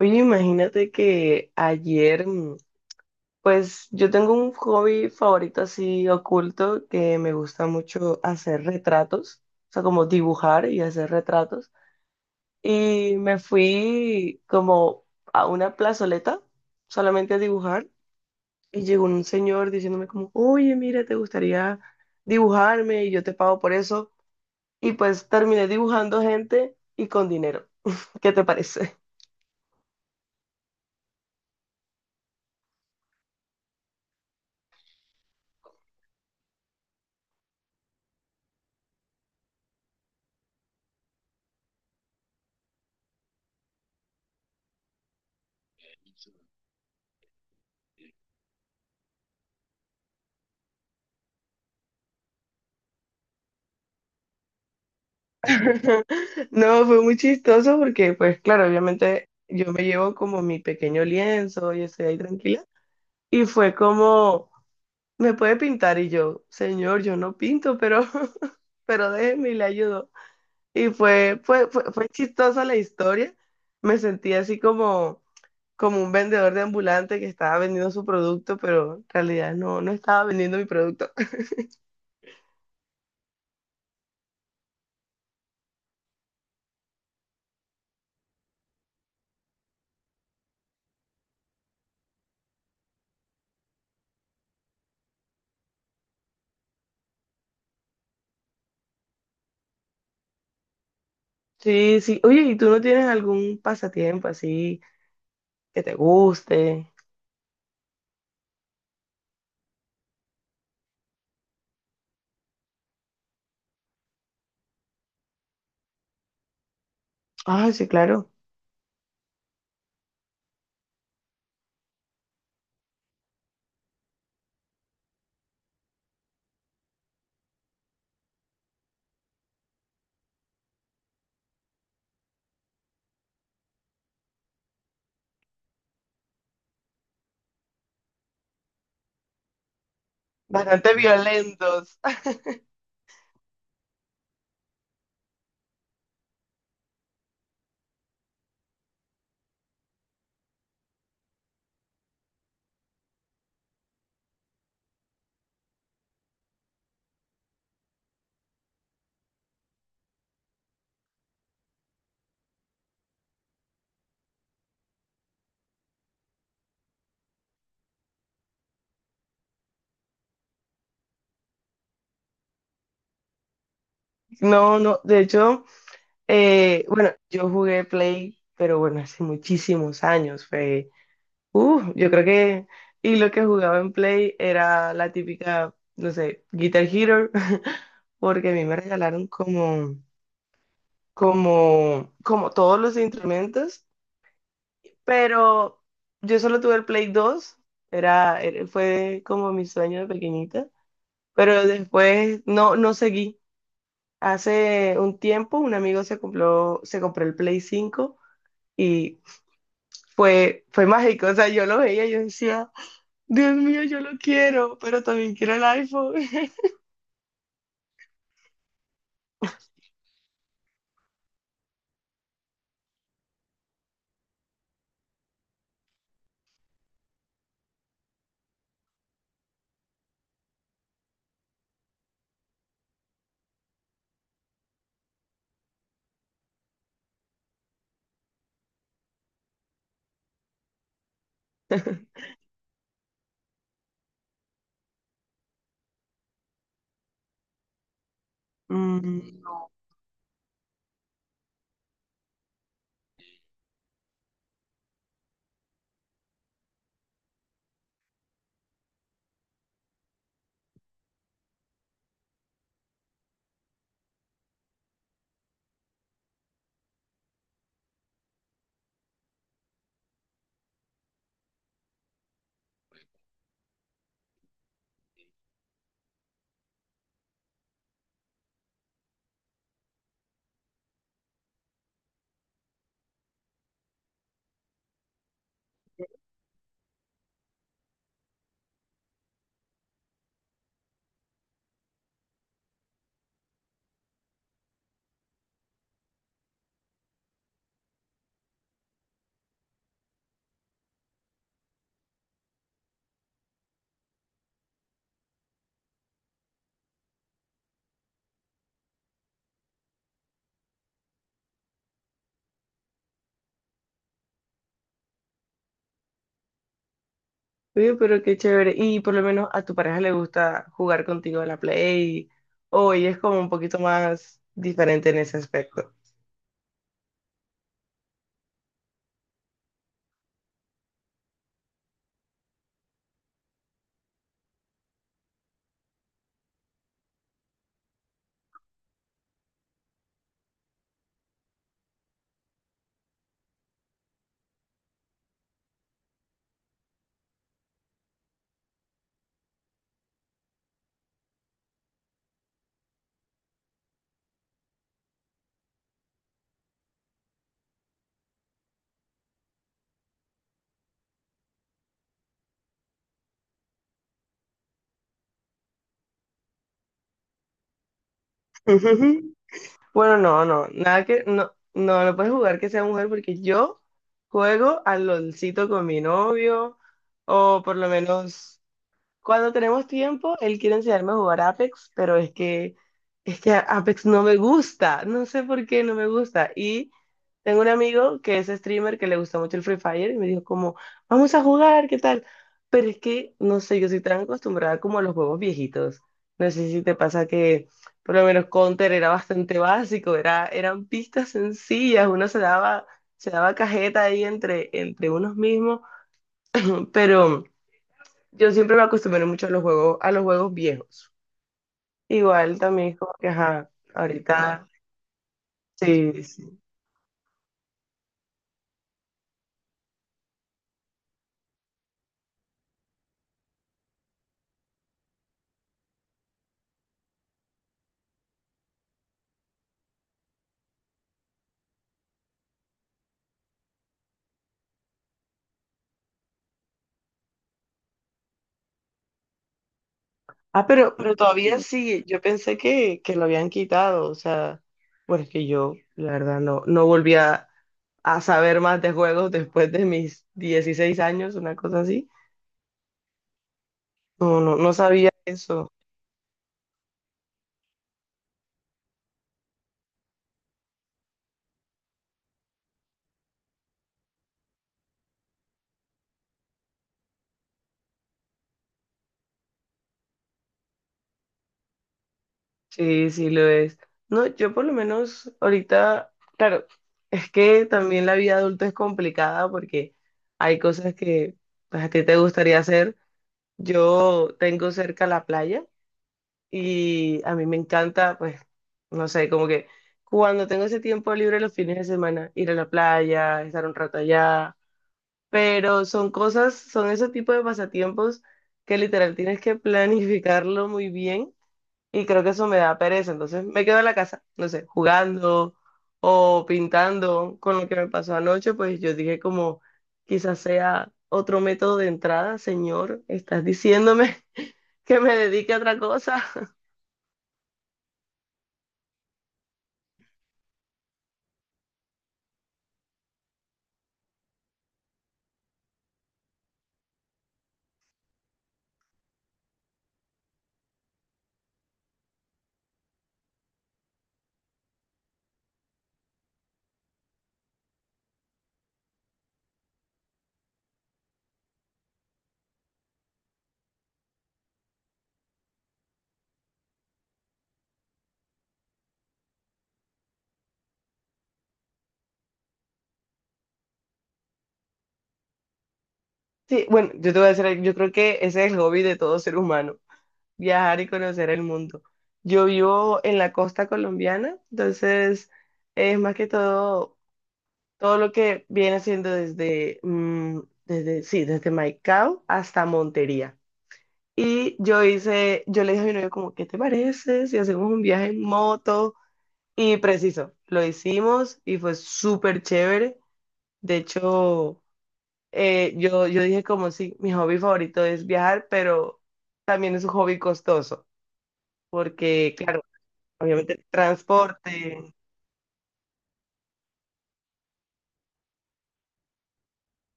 Oye, imagínate que ayer, pues yo tengo un hobby favorito así oculto que me gusta mucho hacer retratos, o sea, como dibujar y hacer retratos. Y me fui como a una plazoleta solamente a dibujar y llegó un señor diciéndome como, oye, mira, ¿te gustaría dibujarme y yo te pago por eso? Y pues terminé dibujando gente y con dinero. ¿Qué te parece? No, fue muy chistoso porque, pues claro, obviamente yo me llevo como mi pequeño lienzo y estoy ahí tranquila. Y fue como, me puede pintar y yo, señor, yo no pinto, pero, pero déjeme y le ayudo. Y fue chistosa la historia. Me sentí así como un vendedor de ambulante que estaba vendiendo su producto, pero en realidad no, no estaba vendiendo mi producto. Sí, sí. Oye, ¿y tú no tienes algún pasatiempo así que te guste? Ah, sí, claro. Bastante violentos. No, no, de hecho, bueno, yo jugué Play, pero bueno, hace muchísimos años, fue, yo creo que, y lo que jugaba en Play era la típica, no sé, Guitar Hero, porque a mí me regalaron como todos los instrumentos, pero yo solo tuve el Play 2 fue como mi sueño de pequeñita, pero después no, no seguí. Hace un tiempo un amigo se compró el Play 5 y fue mágico. O sea, yo lo veía y yo decía, Dios mío, yo lo quiero, pero también quiero el iPhone. Mm, Oye, pero qué chévere. Y por lo menos a tu pareja le gusta jugar contigo a la Play o ella es como un poquito más diferente en ese aspecto. Bueno, no, no, nada que, no, no, no puedes jugar que sea mujer porque yo juego al LOLcito con mi novio, o por lo menos cuando tenemos tiempo, él quiere enseñarme a jugar Apex, pero es que Apex no me gusta, no sé por qué no me gusta. Y tengo un amigo que es streamer que le gusta mucho el Free Fire y me dijo como, vamos a jugar, ¿qué tal? Pero es que, no sé, yo soy tan acostumbrada como a los juegos viejitos. No sé si te pasa que por lo menos Counter era bastante básico, era, eran pistas sencillas, uno se daba cajeta ahí entre unos mismos, pero... Yo siempre me acostumbré mucho a los juegos viejos. Igual también es como que, ajá, ahorita, sí, sí. Ah, pero todavía sí, yo pensé que lo habían quitado, o sea, bueno es que yo, la verdad, no, no volví a saber más de juegos después de mis 16 años, una cosa así. No, no, no sabía eso. Sí, sí lo es. No, yo por lo menos ahorita, claro, es que también la vida adulta es complicada porque hay cosas que pues, a ti te gustaría hacer. Yo tengo cerca la playa y a mí me encanta, pues, no sé, como que cuando tengo ese tiempo libre los fines de semana, ir a la playa, estar un rato allá, pero son cosas, son ese tipo de pasatiempos que literal tienes que planificarlo muy bien y creo que eso me da pereza. Entonces me quedo en la casa, no sé, jugando o pintando con lo que me pasó anoche. Pues yo dije como, quizás sea otro método de entrada, señor. Estás diciéndome que me dedique a otra cosa. Sí, bueno, yo te voy a decir, algo, yo creo que ese es el hobby de todo ser humano, viajar y conocer el mundo. Yo vivo en la costa colombiana, entonces es más que todo. Todo lo que viene siendo sí, desde Maicao hasta Montería. Y yo hice, yo le dije a mi novio como, ¿qué te parece si hacemos un viaje en moto? Y preciso, lo hicimos y fue súper chévere. De hecho, yo dije como, sí, mi hobby favorito es viajar, pero también es un hobby costoso, porque claro, obviamente transporte.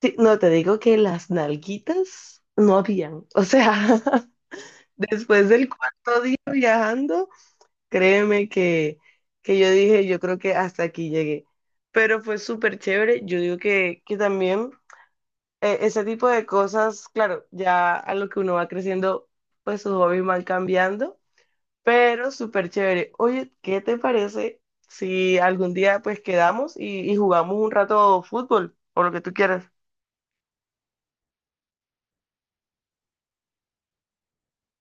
Sí, no, te digo que las nalguitas no habían, o sea... Después del cuarto día viajando, créeme que yo dije, yo creo que hasta aquí llegué. Pero fue súper chévere. Yo digo que también ese tipo de cosas, claro, ya a lo que uno va creciendo, pues sus hobbies van cambiando, pero súper chévere. Oye, ¿qué te parece si algún día pues quedamos y jugamos un rato fútbol o lo que tú quieras?